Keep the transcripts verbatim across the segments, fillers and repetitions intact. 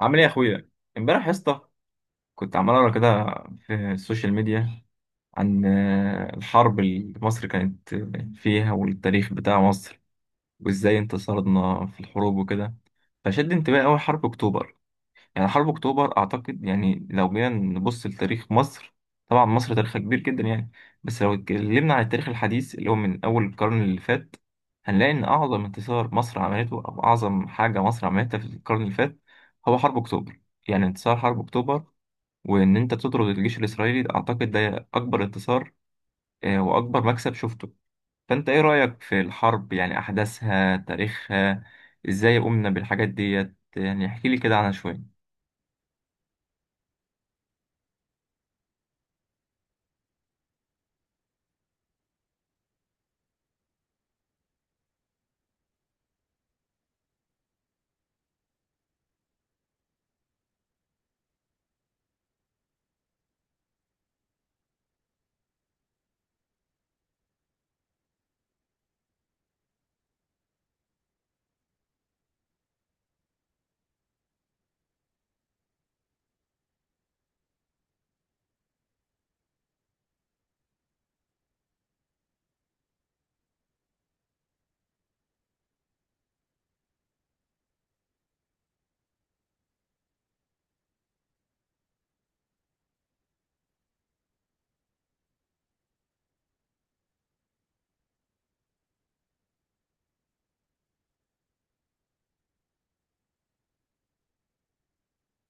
عامل ايه يا اخويا؟ امبارح يا اسطى كنت عمال اقرا كده في السوشيال ميديا عن آه، الحرب اللي مصر كانت فيها والتاريخ بتاع مصر وازاي انتصرنا في الحروب وكده. فشد انتباهي اول حرب اكتوبر. يعني حرب أكتوبر أعتقد، يعني لو جينا نبص لتاريخ مصر، طبعا مصر تاريخها كبير جدا يعني، بس لو اتكلمنا عن التاريخ الحديث اللي هو من أول القرن اللي فات، هنلاقي إن أعظم انتصار مصر عملته أو أعظم حاجة مصر عملتها في القرن اللي فات هو حرب أكتوبر. يعني انتصار حرب أكتوبر وإن أنت تطرد الجيش الإسرائيلي ده، أعتقد ده أكبر انتصار آه، وأكبر مكسب شفته. فأنت إيه رأيك في الحرب، يعني أحداثها، تاريخها، إزاي قمنا بالحاجات ديت؟ يعني احكيلي كده عنها شوية.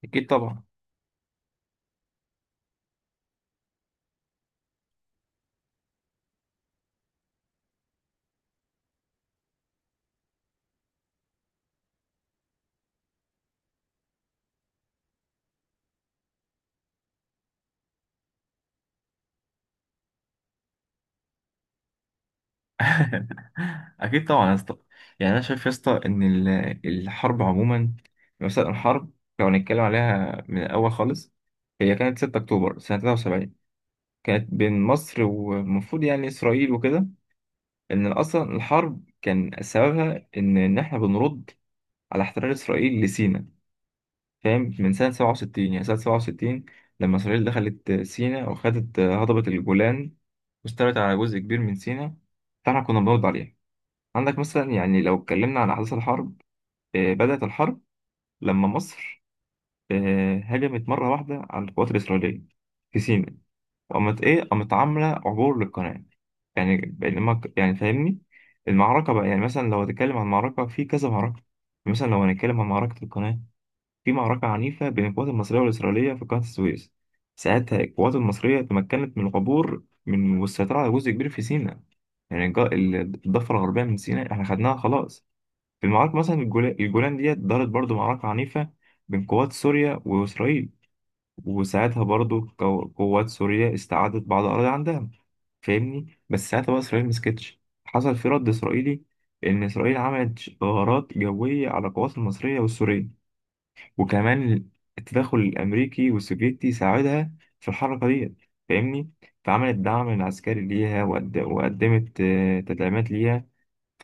أكيد طبعا. اكيد طبعا يا اسطى. يعني انا شايف يا اسطى ان ال- الحرب عموما، مثلا الحرب لو هنتكلم عليها من الاول خالص، هي كانت ستة اكتوبر سنه ثلاثة وسبعين، كانت بين مصر والمفروض يعني اسرائيل وكده. ان اصلا الحرب كان سببها ان ان احنا بنرد على احتلال اسرائيل لسيناء، فاهم؟ من سنه سبعة وستين، يعني سنه سبعة وستين لما اسرائيل دخلت سيناء وخدت هضبه الجولان واستولت على جزء كبير من سيناء، فاحنا كنا بنرد عليها. عندك مثلا يعني لو اتكلمنا عن أحداث الحرب، آه، بدأت الحرب لما مصر آه، هجمت مرة واحدة على القوات الإسرائيلية في سيناء، وقامت إيه، قامت عاملة عبور للقناة. يعني بينما ك- يعني فاهمني، المعركة بقى يعني مثلا لو هتتكلم عن معركة في كذا معركة، مثلا لو هنتكلم عن معركة القناة، في معركة عنيفة بين القوات المصرية والإسرائيلية في قناة السويس. ساعتها القوات المصرية تمكنت من العبور من والسيطرة على جزء كبير في سيناء. يعني الج- الضفة الغربية من سيناء احنا خدناها خلاص. في المعركة مثلا الجولا- الجولان ديت دارت برضو معركة عنيفة بين قوات سوريا وإسرائيل، وساعتها برضو قو- قوات سوريا استعادت بعض الأراضي عندها، فاهمني؟ بس ساعتها بقى إسرائيل مسكتش، حصل في رد إسرائيلي، إن إسرائيل عملت غارات جوية على القوات المصرية والسورية. وكمان التدخل الأمريكي والسوفيتي ساعدها في الحركة ديت، فاهمني؟ فعملت دعم عسكري ليها وقد- وقدمت آه، تدعيمات ليها.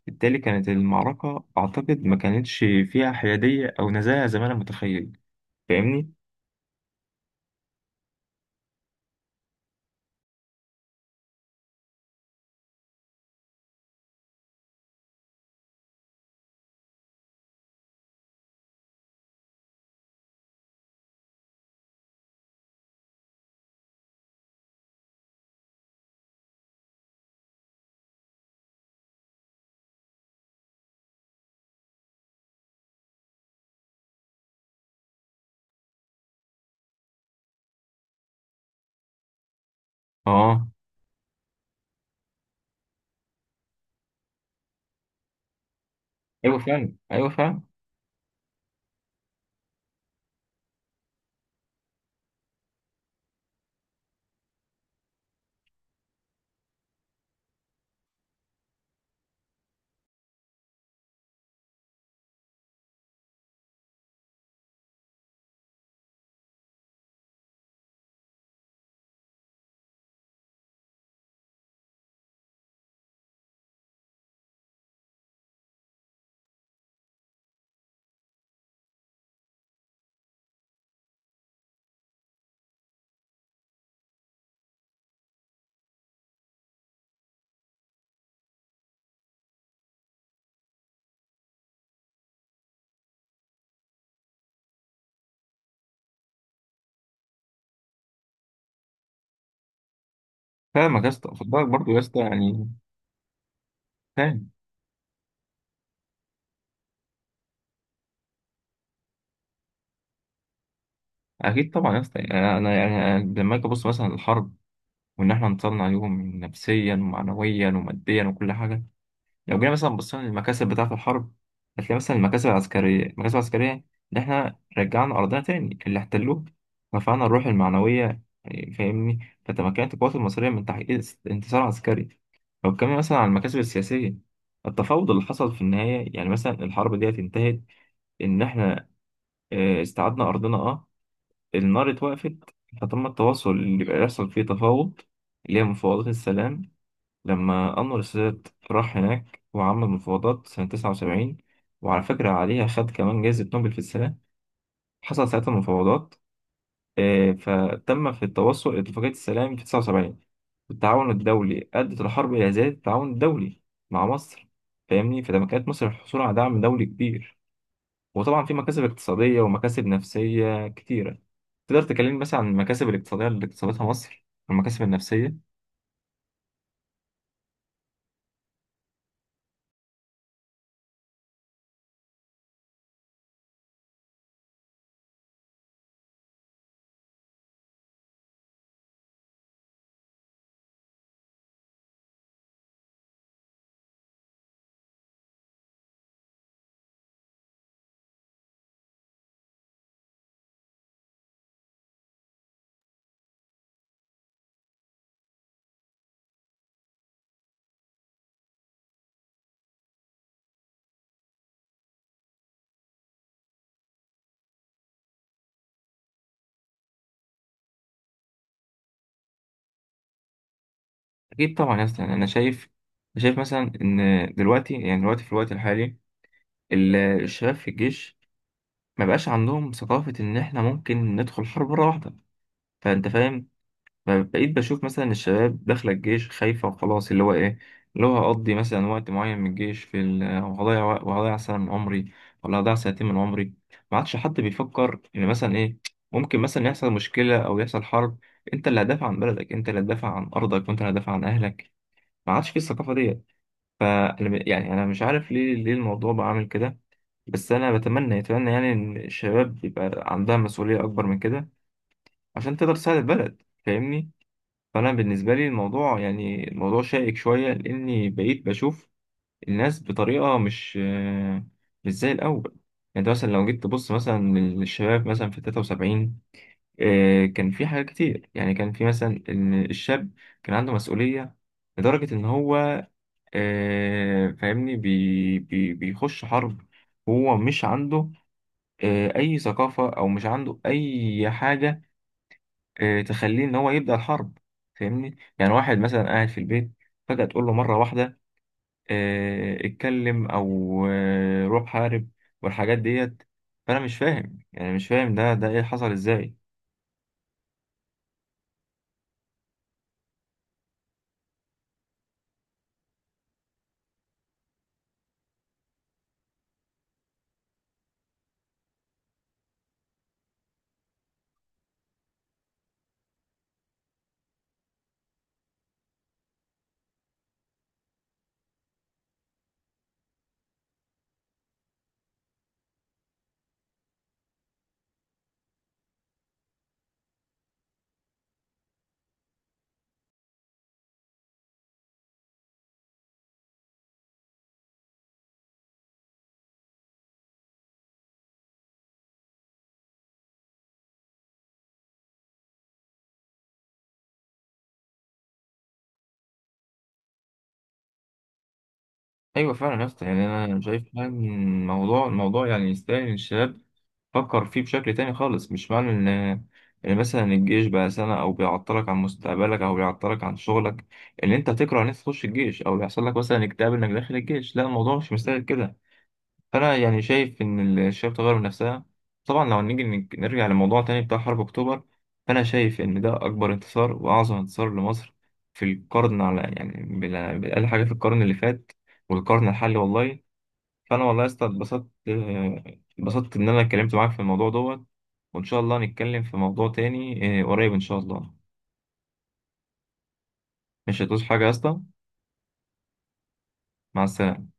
بالتالي كانت المعركة أعتقد ما كانتش فيها حيادية أو نزاهة زي ما أنا متخيل، فاهمني؟ آه. أيوه فاهم، أيوه فاهم. فاهمك يا اسطى، خد بالك برضه يا اسطى يعني. فاهم. أكيد طبعا يا اسطى. يعني أنا أنا- يعني أنا لما أجي أبص مثلا للحرب وإن إحنا انتصرنا عليهم نفسيا ومعنويا وماديا وكل حاجة، لو جينا مثلا بصينا للمكاسب بتاعة الحرب، هتلاقي مثلا المكاسب العسكرية، المكاسب العسكرية إن إحنا رجعنا أرضنا تاني اللي احتلوه، رفعنا الروح المعنوية، يعني فاهمني؟ فتمكنت القوات المصرية من تحقيق اس- انتصار عسكري. لو اتكلمنا مثلا عن المكاسب السياسية، التفاوض اللي حصل في النهاية، يعني مثلا الحرب دي انتهت إن إحنا آه، استعدنا أرضنا أه، النار اتوقفت، فتم التواصل اللي بيحصل فيه تفاوض، اللي هي مفاوضات السلام. لما أنور السادات راح هناك وعمل مفاوضات سنة تسعة وسبعين، وعلى فكرة عليها خد كمان جائزة نوبل في السلام. حصل ساعتها مفاوضات، آه، فتم في التوصل لاتفاقية السلام في تسعة وسبعين. والتعاون الدولي، أدت الحرب إلى زيادة التعاون الدولي مع مصر، فاهمني؟ فده كانت مصر الحصول على دعم دولي كبير. وطبعا في مكاسب اقتصادية ومكاسب نفسية كتيرة. تقدر تكلمني مثلا عن المكاسب الاقتصادية اللي اكتسبتها مصر والمكاسب النفسية؟ اكيد طبعا يا اسطى. يعني انا شايف، شايف مثلا ان دلوقتي، يعني دلوقتي في الوقت الحالي ال- الشباب في الجيش ما بقاش عندهم ثقافه ان احنا ممكن ندخل حرب مره واحده، فانت فاهم؟ ب- بقيت بشوف مثلا الشباب داخله الجيش خايفه وخلاص، اللي هو ايه، اللي هو هقضي مثلا وقت معين من الجيش في ال- وهضيع وق- وهضيع سنه من عمري ولا هضيع سنتين من عمري. ما عادش حد بيفكر ان مثلا ايه، ممكن مثلا يحصل مشكله او يحصل حرب. انت اللي هتدافع عن بلدك، انت اللي هتدافع عن ارضك، وانت اللي هتدافع عن اهلك. ما عادش في الثقافه دي. أنا ب- يعني أنا مش عارف ليه، ليه الموضوع بقى عامل كده. بس أنا بتمنى، أتمنى يعني إن الشباب يبقى عندها مسؤولية أكبر من كده عشان تقدر تساعد البلد، فاهمني؟ فأنا بالنسبة لي الموضوع، يعني الموضوع شائك شوية، لأني بقيت بشوف الناس بطريقة مش آه، مش زي الأول. يعني أنت مثلا لو جيت تبص مثلا للشباب مثلا في تلاتة وسبعين، آه، كان في حاجات كتير. يعني كان في مثلا إن الشاب كان عنده مسؤولية لدرجة إن هو آه، فاهمني بي بي بيخش حرب، هو مش عنده آه، أي ثقافة أو مش عنده أي حاجة آه، تخليه إن هو يبدأ الحرب. فاهمني؟ يعني واحد مثلا قاعد في البيت، فجأة تقول له مرة واحدة آه، اتكلم أو آه، روح حارب والحاجات ديت. فأنا مش فاهم، يعني مش فاهم ده، ده إيه حصل إزاي؟ أيوة فعلا يا اسطى. يعني أنا شايف فعلا الموضوع، الموضوع يعني يستاهل إن الشباب فكر فيه بشكل تاني خالص. مش معنى ان، ان مثلا الجيش بقى سنة او بيعطلك عن مستقبلك او بيعطلك عن شغلك ان انت تكره ان انت تخش الجيش، او بيحصل لك مثلا اكتئاب انك داخل الجيش، لا الموضوع مش مستاهل كده. فانا يعني شايف ان الشباب تغير من نفسها. طبعا لو نيجي نك- نرجع لموضوع تاني بتاع حرب اكتوبر، فانا شايف ان ده اكبر انتصار واعظم انتصار لمصر في القرن، على يعني بال- باقل حاجة في القرن اللي فات والقرن الحالي والله. فانا والله يا اسطى اتبسطت، آه، اتبسطت ان انا اتكلمت معاك في الموضوع دوت. وان شاء الله نتكلم في موضوع تاني آه، قريب ان شاء الله. مش هتوصل حاجه يا اسطى. مع السلامه.